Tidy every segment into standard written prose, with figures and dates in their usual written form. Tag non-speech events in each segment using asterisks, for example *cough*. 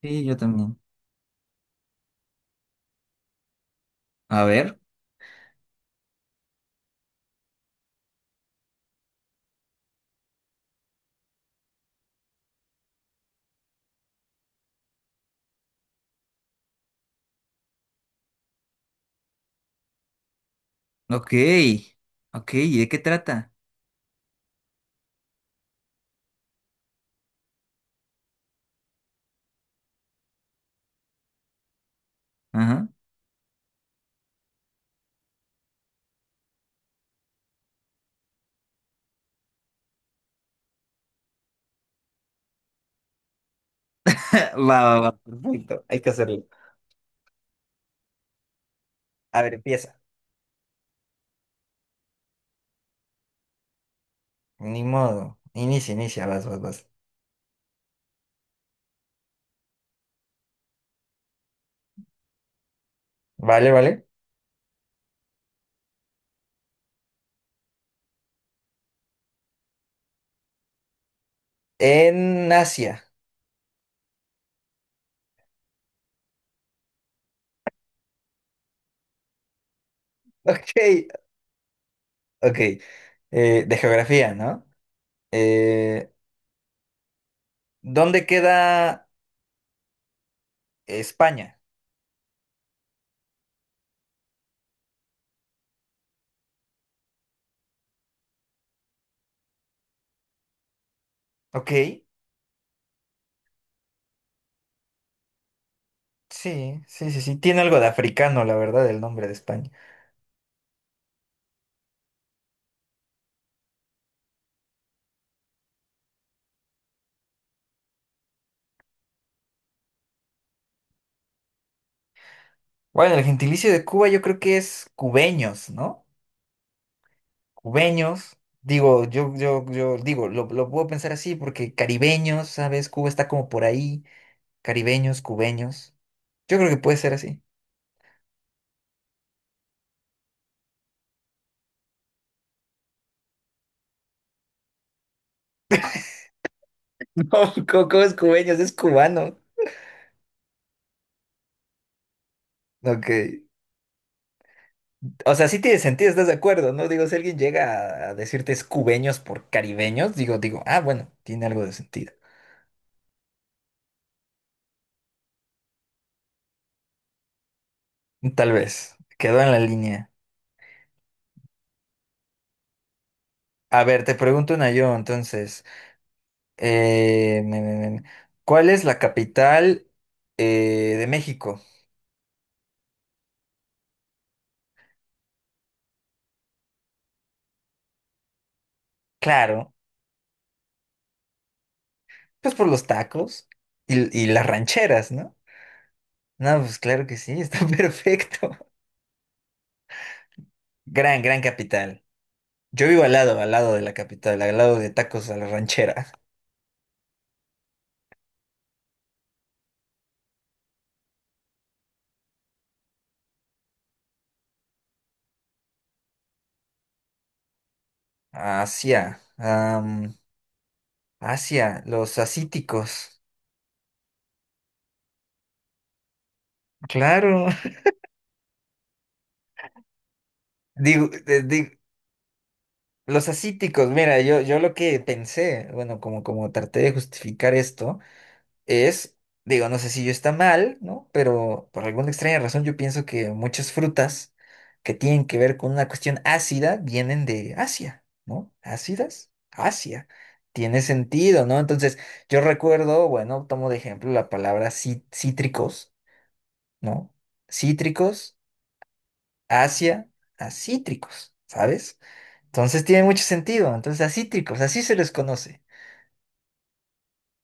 Sí, yo también. A ver, ok, ok, ¿y de qué trata? Ajá. *laughs* Va, va, va, perfecto, hay que hacerlo. A ver, empieza. Ni modo, inicia, inicia, vas, vas, vas. Vale, vale. En Asia. *laughs* Ok, ok. De geografía, ¿no? Eh, ¿Dónde queda España? Ok, sí, sí, sí, sí. Tiene algo de africano, la verdad, el nombre de España. Bueno, el gentilicio de Cuba yo creo que es cubeños, ¿no? Cubeños, digo, yo digo, lo puedo pensar así porque caribeños, ¿sabes? Cuba está como por ahí, caribeños, cubeños. Yo creo que puede ser así. *laughs* No, ¿cómo es cubeños? Es cubano. Ok. O sea, sí tiene sentido, ¿estás de acuerdo? No digo, si alguien llega a decirte es cubeños por caribeños, digo, digo, ah, bueno, tiene algo de sentido. Tal vez. Quedó en la línea. A ver, te pregunto una yo, entonces. Eh, me- me- me- ¿Cuál es la capital de México? Claro, pues por los tacos y, las rancheras, ¿no? No, pues claro que sí, está *laughs* perfecto. Gran, gran capital. Yo vivo al lado de la capital, al lado de tacos a la ranchera. Asia, Asia, los asíticos. Claro. *laughs* Digo, los asíticos, mira, yo lo que pensé, bueno, como traté de justificar esto. Es, digo, no sé si yo está mal, ¿no? Pero por alguna extraña razón yo pienso que muchas frutas que tienen que ver con una cuestión ácida vienen de Asia, ¿no? Ácidas, Asia. Tiene sentido, ¿no? Entonces, yo recuerdo, bueno, tomo de ejemplo la palabra cítricos, ¿no? Cítricos, Asia, acítricos, ¿sabes? Entonces tiene mucho sentido. Entonces, acítricos, así se les conoce.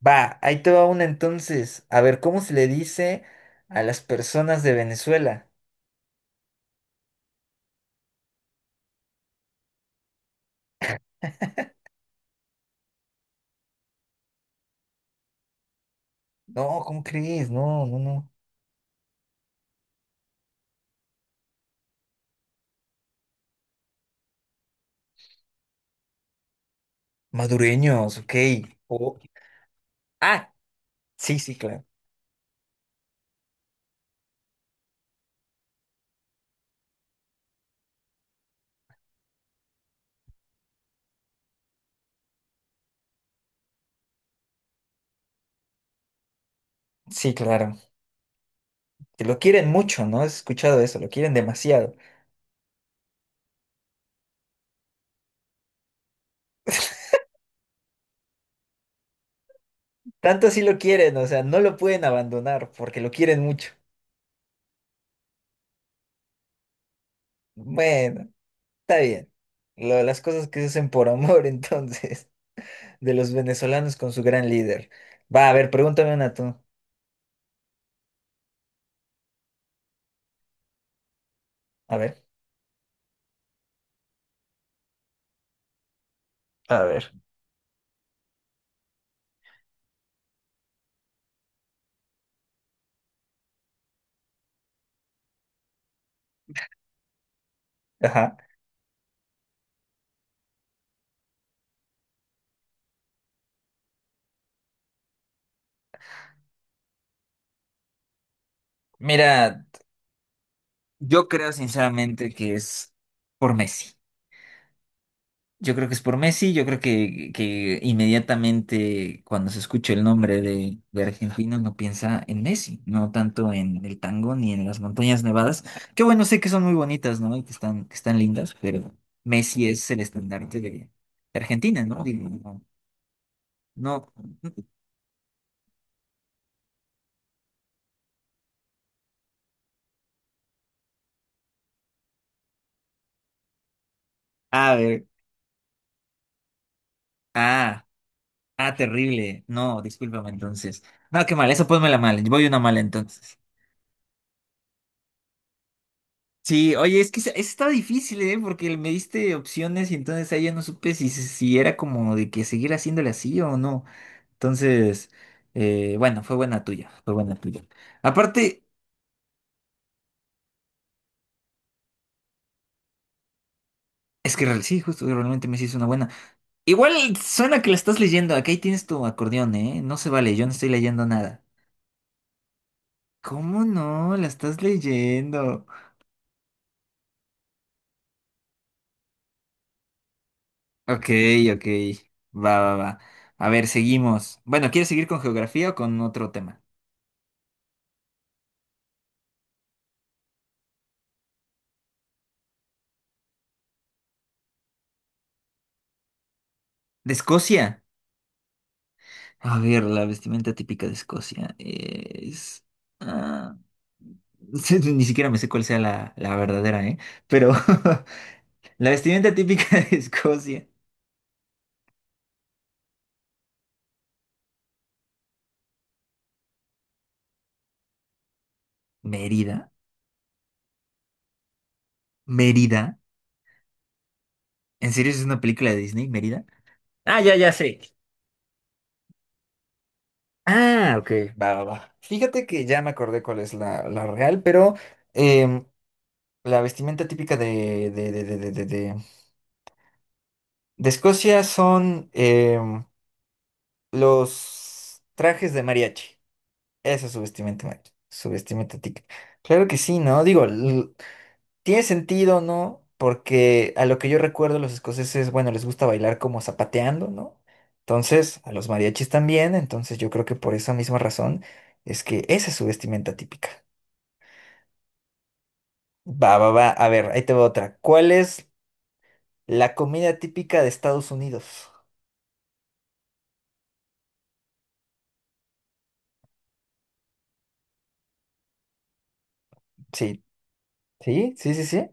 Va, ahí te va una entonces. A ver, ¿cómo se le dice a las personas de Venezuela? No, ¿cómo crees? No, no, no. Madureños, ok. O- Ah, sí, sí, claro. Sí, claro. Que lo quieren mucho, ¿no? He escuchado eso, lo quieren demasiado. Tanto así lo quieren, o sea, no lo pueden abandonar porque lo quieren mucho. Bueno, está bien. Las cosas que se hacen por amor, *laughs* entonces, de los venezolanos con su gran líder. Va, a ver, pregúntame una tú. A ver. A ver. Ajá. Mira, yo creo sinceramente que es por Messi. Yo creo que es por Messi. Yo creo que inmediatamente cuando se escucha el nombre de argentino no piensa en Messi, no tanto en el tango ni en las montañas nevadas. Que bueno, sé que son muy bonitas, ¿no? Y que están lindas, pero Messi es el estandarte de Argentina, ¿no? Digo, no, no. A ver, ah, terrible. No, discúlpame entonces. No, qué mal, eso ponmela mal. Voy una mala entonces. Sí, oye, es que esa está difícil, ¿eh? Porque me diste opciones y entonces ahí ya no supe si era como de que seguir haciéndole así o no. Entonces, bueno, fue buena tuya, fue buena tuya. Aparte, es que sí, justo, realmente me hizo una buena. Igual suena que la estás leyendo, aquí tienes tu acordeón, ¿eh? No se vale, yo no estoy leyendo nada. ¿Cómo no? La estás leyendo. Ok, ok, va, va, va. A ver, seguimos. Bueno, ¿quieres seguir con geografía o con otro tema? De Escocia. A ver, la vestimenta típica de Escocia es... ah, *laughs* sí, ni siquiera me sé cuál sea la, la verdadera, ¿eh? Pero *laughs* la vestimenta típica de Escocia. Mérida. Mérida. ¿En serio es una película de Disney, Mérida? Ah, ya, ya sé. Ah, ok. Va, va, va. Fíjate que ya me acordé cuál es la, la real, pero em, la vestimenta típica de Escocia son los trajes de mariachi. Eso es su vestimenta Mike, subestimate a ti. Claro que sí, ¿no? Digo, tiene sentido, ¿no? Porque a lo que yo recuerdo, los escoceses, bueno, les gusta bailar como zapateando, ¿no? Entonces, a los mariachis también, entonces yo creo que por esa misma razón es que esa es su vestimenta típica. Va, va, va. A ver, ahí te va otra. ¿Cuál es la comida típica de Estados Unidos? Sí, sí, sí, sí, sí.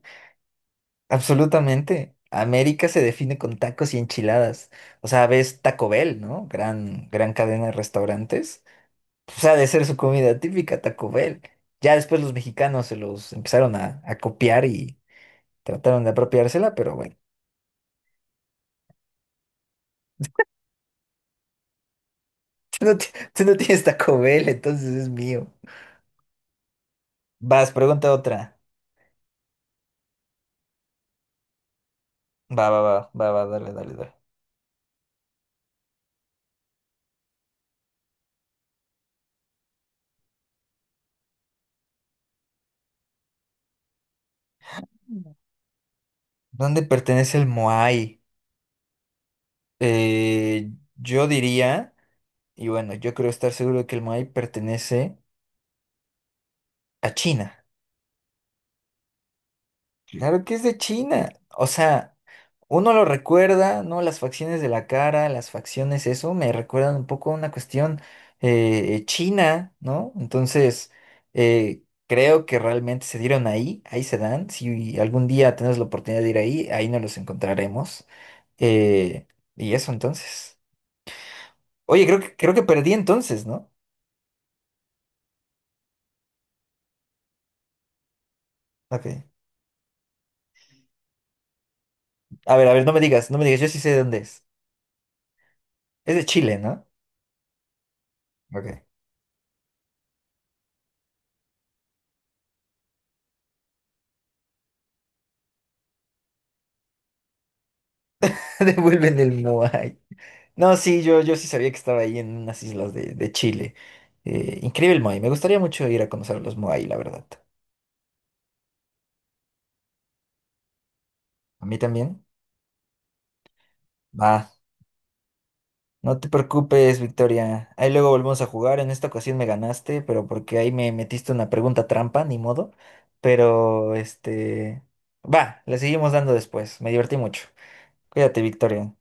Absolutamente. América se define con tacos y enchiladas. O sea, ves Taco Bell, ¿no? Gran, gran cadena de restaurantes. O sea, de ser su comida típica, Taco Bell. Ya después los mexicanos se los empezaron a, copiar y trataron de apropiársela, pero bueno, *laughs* tú no, tú no tienes Taco Bell, entonces es mío. Vas, pregunta otra. Va, va, va, va, va, dale, dale, dale. ¿Dónde pertenece el Moai? Eh, yo diría, y bueno, yo creo estar seguro de que el Moai pertenece. A China. Sí. Claro que es de China. O sea, uno lo recuerda, ¿no? Las facciones de la cara, las facciones, eso me recuerdan un poco a una cuestión china, ¿no? Entonces, creo que realmente se dieron ahí, ahí se dan. Si algún día tenemos la oportunidad de ir ahí, ahí nos los encontraremos. Eh, y eso entonces. Oye, creo que perdí entonces, ¿no? Ok. A ver, no me digas, no me digas, yo sí sé de dónde es. Es de Chile, ¿no? Ok. *laughs* Devuelven el Moai. No, sí, yo sí sabía que estaba ahí en unas islas de Chile. Increíble el Moai. Me gustaría mucho ir a conocer los Moai, la verdad. ¿A mí también? Va. No te preocupes, Victoria. Ahí luego volvemos a jugar. En esta ocasión me ganaste, pero porque ahí me metiste una pregunta trampa, ni modo. Pero, este... Va, le seguimos dando después. Me divertí mucho. Cuídate, Victoria.